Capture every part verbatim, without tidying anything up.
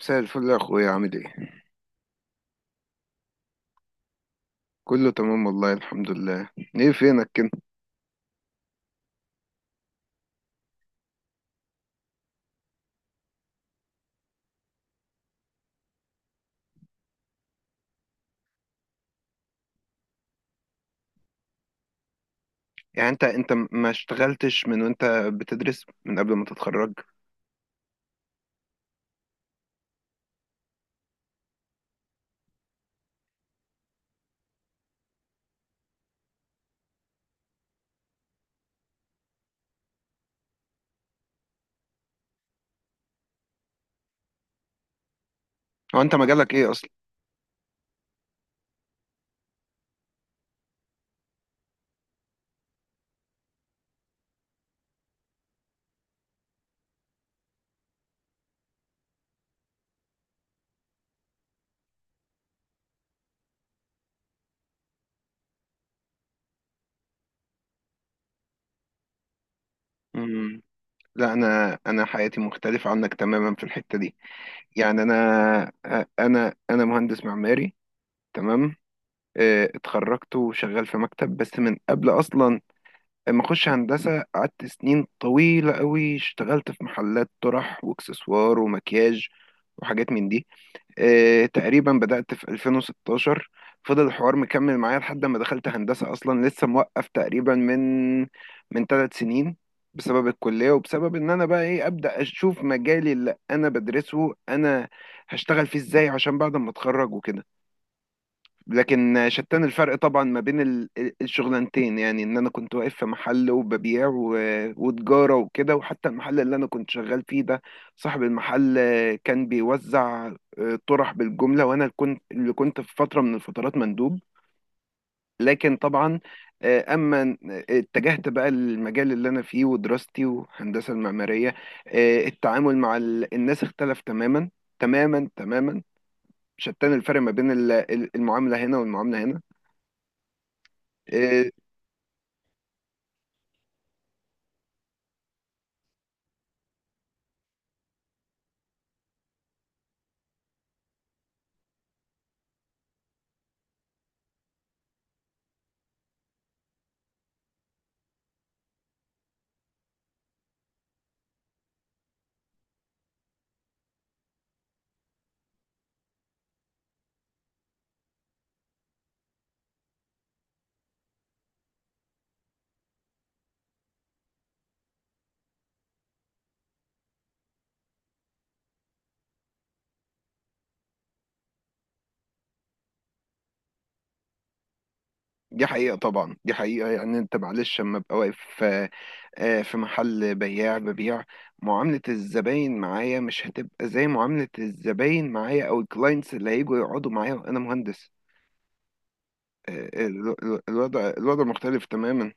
مساء الفل يا اخويا، عامل ايه؟ كله تمام والله، الحمد لله. ايه فينك كده؟ يعني انت انت ما اشتغلتش من وانت بتدرس من قبل ما تتخرج؟ هو انت مجالك ايه اصلا؟ امم لا، انا انا حياتي مختلفة عنك تماما في الحتة دي. يعني انا، انا انا مهندس معماري، تمام. آه، اتخرجت وشغال في مكتب، بس من قبل اصلا ما اخش هندسة قعدت سنين طويلة قوي اشتغلت في محلات طرح واكسسوار ومكياج وحاجات من دي. آه، تقريبا بدأت في ألفين وستاشر، فضل الحوار مكمل معايا لحد ما دخلت هندسة. أصلا لسه موقف تقريبا من من ثلاث سنين بسبب الكلية، وبسبب إن أنا بقى إيه أبدأ أشوف مجالي اللي أنا بدرسه أنا هشتغل فيه إزاي عشان بعد ما أتخرج وكده. لكن شتان الفرق طبعا ما بين ال- الشغلانتين، يعني ان انا كنت واقف في محل وببيع و- وتجارة وكده، وحتى المحل اللي انا كنت شغال فيه ده صاحب المحل كان بيوزع آه، طرح بالجملة، وانا اللي كنت اللي كنت في فترة من الفترات مندوب. لكن طبعا، آه، اما اتجهت بقى للمجال اللي انا فيه ودراستي والهندسة المعمارية، آه، التعامل مع ال- الناس اختلف تماما، تماما تماما. شتان الفرق ما بين ال- المعاملة هنا والمعاملة هنا. آه، دي حقيقة طبعا، دي حقيقة. يعني انت معلش، لما ابقى واقف آه، آه، في محل بياع ببيع، معاملة الزباين معايا مش هتبقى زي معاملة الزباين معايا او الكلاينتس اللي هيجوا يقعدوا معايا وانا مهندس. آه، آه، ال- ال- الوضع الوضع مختلف تماما.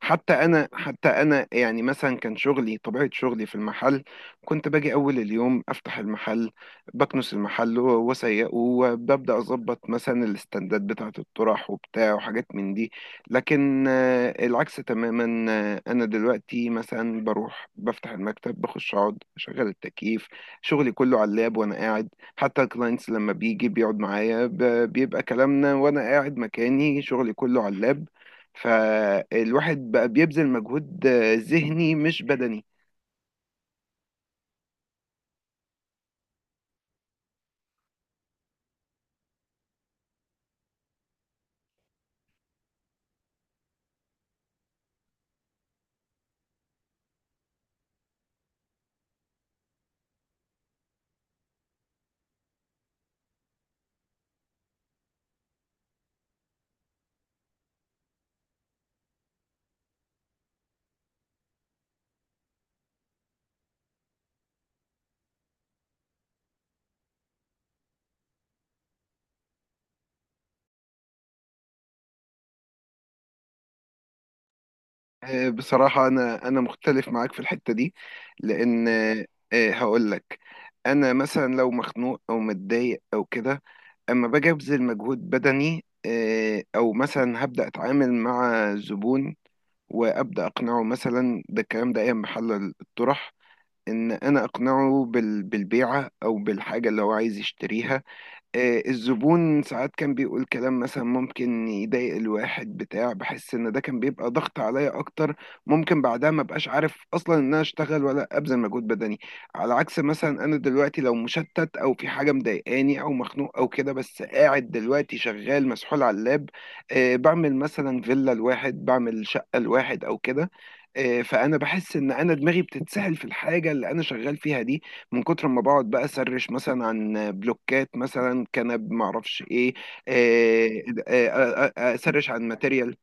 حتى انا، حتى انا يعني مثلا كان شغلي، طبيعه شغلي في المحل كنت باجي اول اليوم افتح المحل، بكنس المحل و- واسيقه، وببدا اظبط مثلا الاستندات بتاعه الطرح وبتاع وحاجات من دي. لكن آه، العكس تماما. آه، انا دلوقتي مثلا بروح بفتح المكتب، بخش اقعد اشغل التكييف، شغلي كله على اللاب وانا قاعد. حتى الكلاينتس لما بيجي بيقعد معايا ب- بيبقى كلامنا وانا قاعد مكاني، شغلي كله على اللاب. فالواحد بقى بيبذل مجهود آه، ذهني مش بدني. آه، بصراحة أنا أنا مختلف معاك في الحتة دي، لأن آه، آه، هقول لك. أنا مثلا لو مخنوق أو متضايق أو كده، أما باجي أبذل مجهود بدني، آه، أو مثلا هبدأ أتعامل مع زبون وأبدأ أقنعه مثلا، ده الكلام ده أيام محل الطرح، إن أنا أقنعه بال- بالبيعة أو بالحاجة اللي هو عايز يشتريها. آه، الزبون ساعات كان بيقول كلام مثلا ممكن يضايق الواحد بتاع، بحس ان ده كان بيبقى ضغط عليا اكتر. ممكن بعدها ما بقاش عارف اصلا ان انا اشتغل ولا ابذل مجهود بدني. على عكس مثلا انا دلوقتي، لو مشتت او في حاجه مضايقاني او مخنوق او كده، بس قاعد دلوقتي شغال مسحول على اللاب، آه، بعمل مثلا فيلا لواحد، بعمل شقه لواحد او كده. آه، فانا بحس ان انا دماغي بتتسهل في الحاجه اللي انا شغال فيها دي، من كتر ما بقعد بقى اسرش مثلا عن بلوكات، مثلا كنب معرفش ايه. آه، آه، آه، آه، آه، اسرش عن ماتيريال.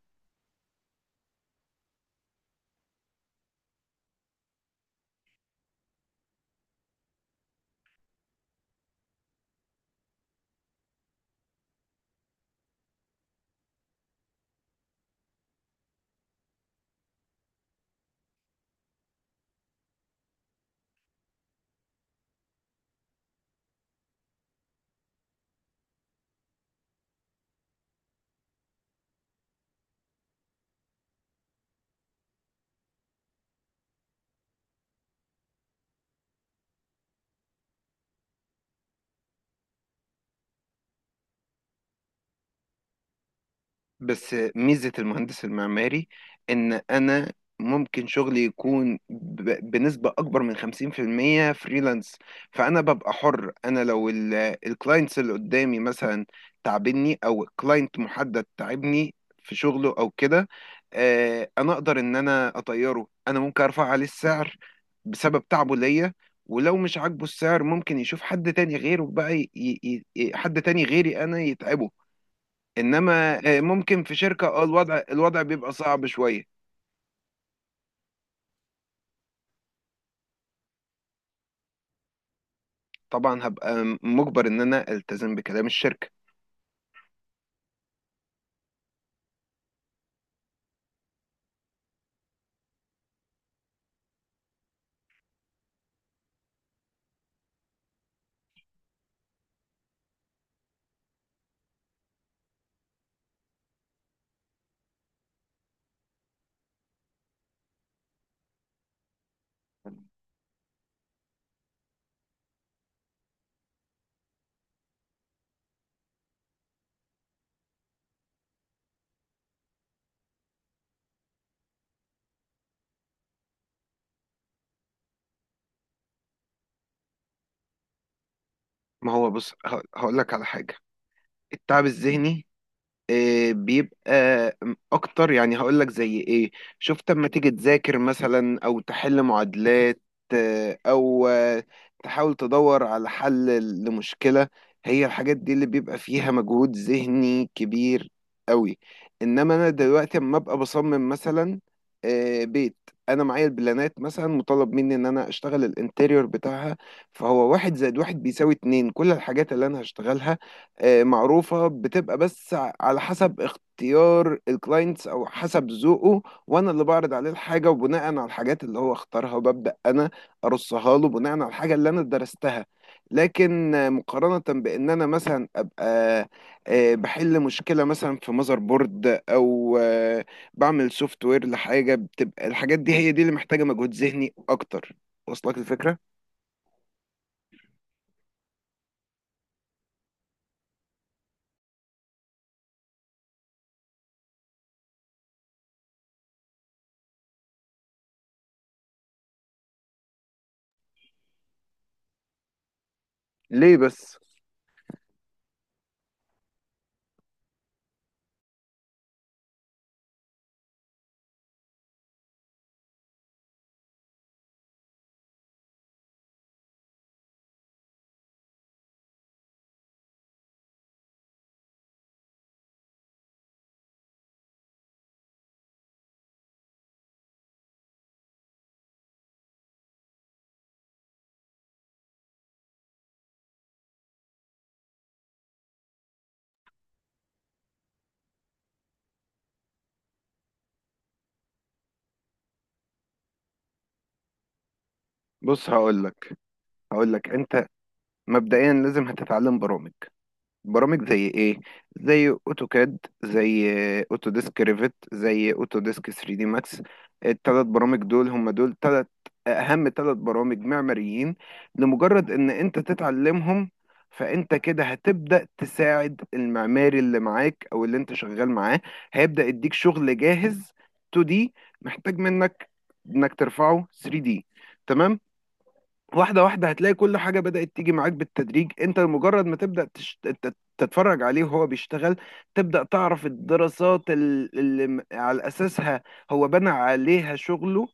بس ميزة المهندس المعماري إن أنا ممكن شغلي يكون ب- بنسبة أكبر من خمسين في المية فريلانس. فأنا ببقى حر، أنا لو الكلاينتس اللي قدامي مثلا تعبني، أو كلاينت محدد تعبني في شغله أو كده، آه، أنا أقدر إن أنا أطيره. أنا ممكن أرفع عليه السعر بسبب تعبه ليا، ولو مش عاجبه السعر ممكن يشوف حد تاني غيره بقى ي... ي... ي- حد تاني غيري أنا يتعبه. انما آه، ممكن في شركة، اه، الوضع الوضع بيبقى صعب شوية. طبعا هبقى مجبر ان انا التزم بكلام الشركة. ما هو بص، هقول لك على حاجة. التعب الذهني، إيه، بيبقى اكتر. يعني هقول لك زي ايه. شفت اما تيجي تذاكر مثلا او تحل معادلات، آه، او آه، تحاول تدور على حل لمشكلة، هي الحاجات دي اللي بيبقى فيها مجهود ذهني كبير قوي. انما انا دلوقتي اما ابقى بصمم مثلا آه، بيت، انا معايا البلانات مثلا، مطالب مني ان انا اشتغل الانتيريور بتاعها، فهو واحد زائد واحد بيساوي اتنين. كل الحاجات اللي انا هشتغلها آه، معروفة، بتبقى بس ع- على حسب اختيار الكلاينتس او حسب ذوقه، وانا اللي بعرض عليه الحاجة، وبناء على الحاجات اللي هو اختارها وببدأ انا ارصها له بناء على الحاجة اللي انا درستها. لكن آه، مقارنة بان انا مثلا ابقى آه، بحل مشكلة مثلا في ماذر بورد، او آه، بعمل سوفت وير لحاجة، بتبقى الحاجات دي هي دي اللي محتاجة مجهود ذهني اكتر. وصلك الفكرة؟ ليه بس؟ بص هقولك، هقولك انت مبدئيا لازم هتتعلم برامج. برامج زي ايه؟ زي اوتوكاد، زي اوتوديسك ريفت، زي اوتوديسك ثري دي ماكس. الثلاث برامج دول هم دول ثلاث اهم ثلاث برامج معماريين. لمجرد ان انت تتعلمهم، فانت كده هتبدأ تساعد المعماري اللي معاك او اللي انت شغال معاه، هيبدأ يديك شغل جاهز تو دي محتاج منك انك ترفعه ثري دي، تمام. واحدة واحدة هتلاقي كل حاجة بدأت تيجي معاك بالتدريج. انت مجرد ما تبدأ تش... تت- تتفرج عليه وهو بيشتغل، تبدأ تعرف الدراسات ال- اللي م- على أساسها هو بنى عليها شغله.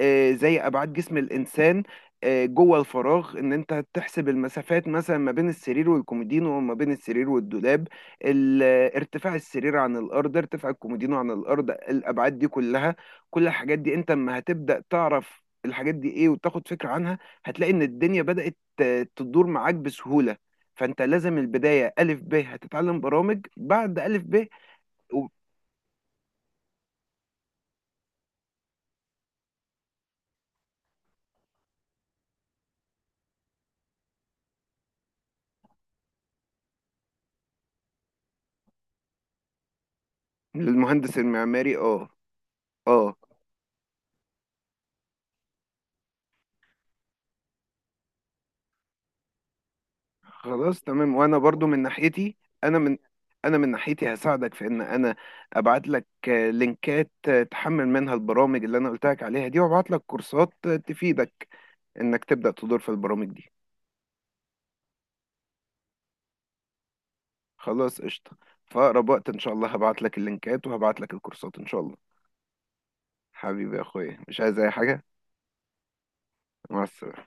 آه، زي أبعاد جسم الإنسان آه، جوه الفراغ، ان انت تحسب المسافات مثلا ما بين السرير والكومودينو، وما بين السرير والدولاب، ال- ارتفاع السرير عن الارض، ارتفاع الكومودينو عن الارض، الابعاد دي كلها. كل الحاجات دي انت اما هتبدأ تعرف الحاجات دي ايه وتاخد فكرة عنها، هتلاقي ان الدنيا بدأت ت- تدور معاك بسهولة. فانت لازم البداية ألف ب، هتتعلم برامج بعد ألف ب و- للمهندس المعماري، اه، اه. خلاص تمام، وانا برضو من ناحيتي، انا من انا من ناحيتي هساعدك في ان انا ابعت لك آه، لينكات، آه، تحمل منها البرامج اللي انا قلت لك عليها دي، وابعت لك كورسات آه، تفيدك انك تبدأ تدور في البرامج دي. خلاص قشطة، فأقرب وقت ان شاء الله هبعت لك اللينكات وهبعت لك الكورسات، ان شاء الله. حبيبي يا اخويا، مش عايز اي حاجة. مع السلامة.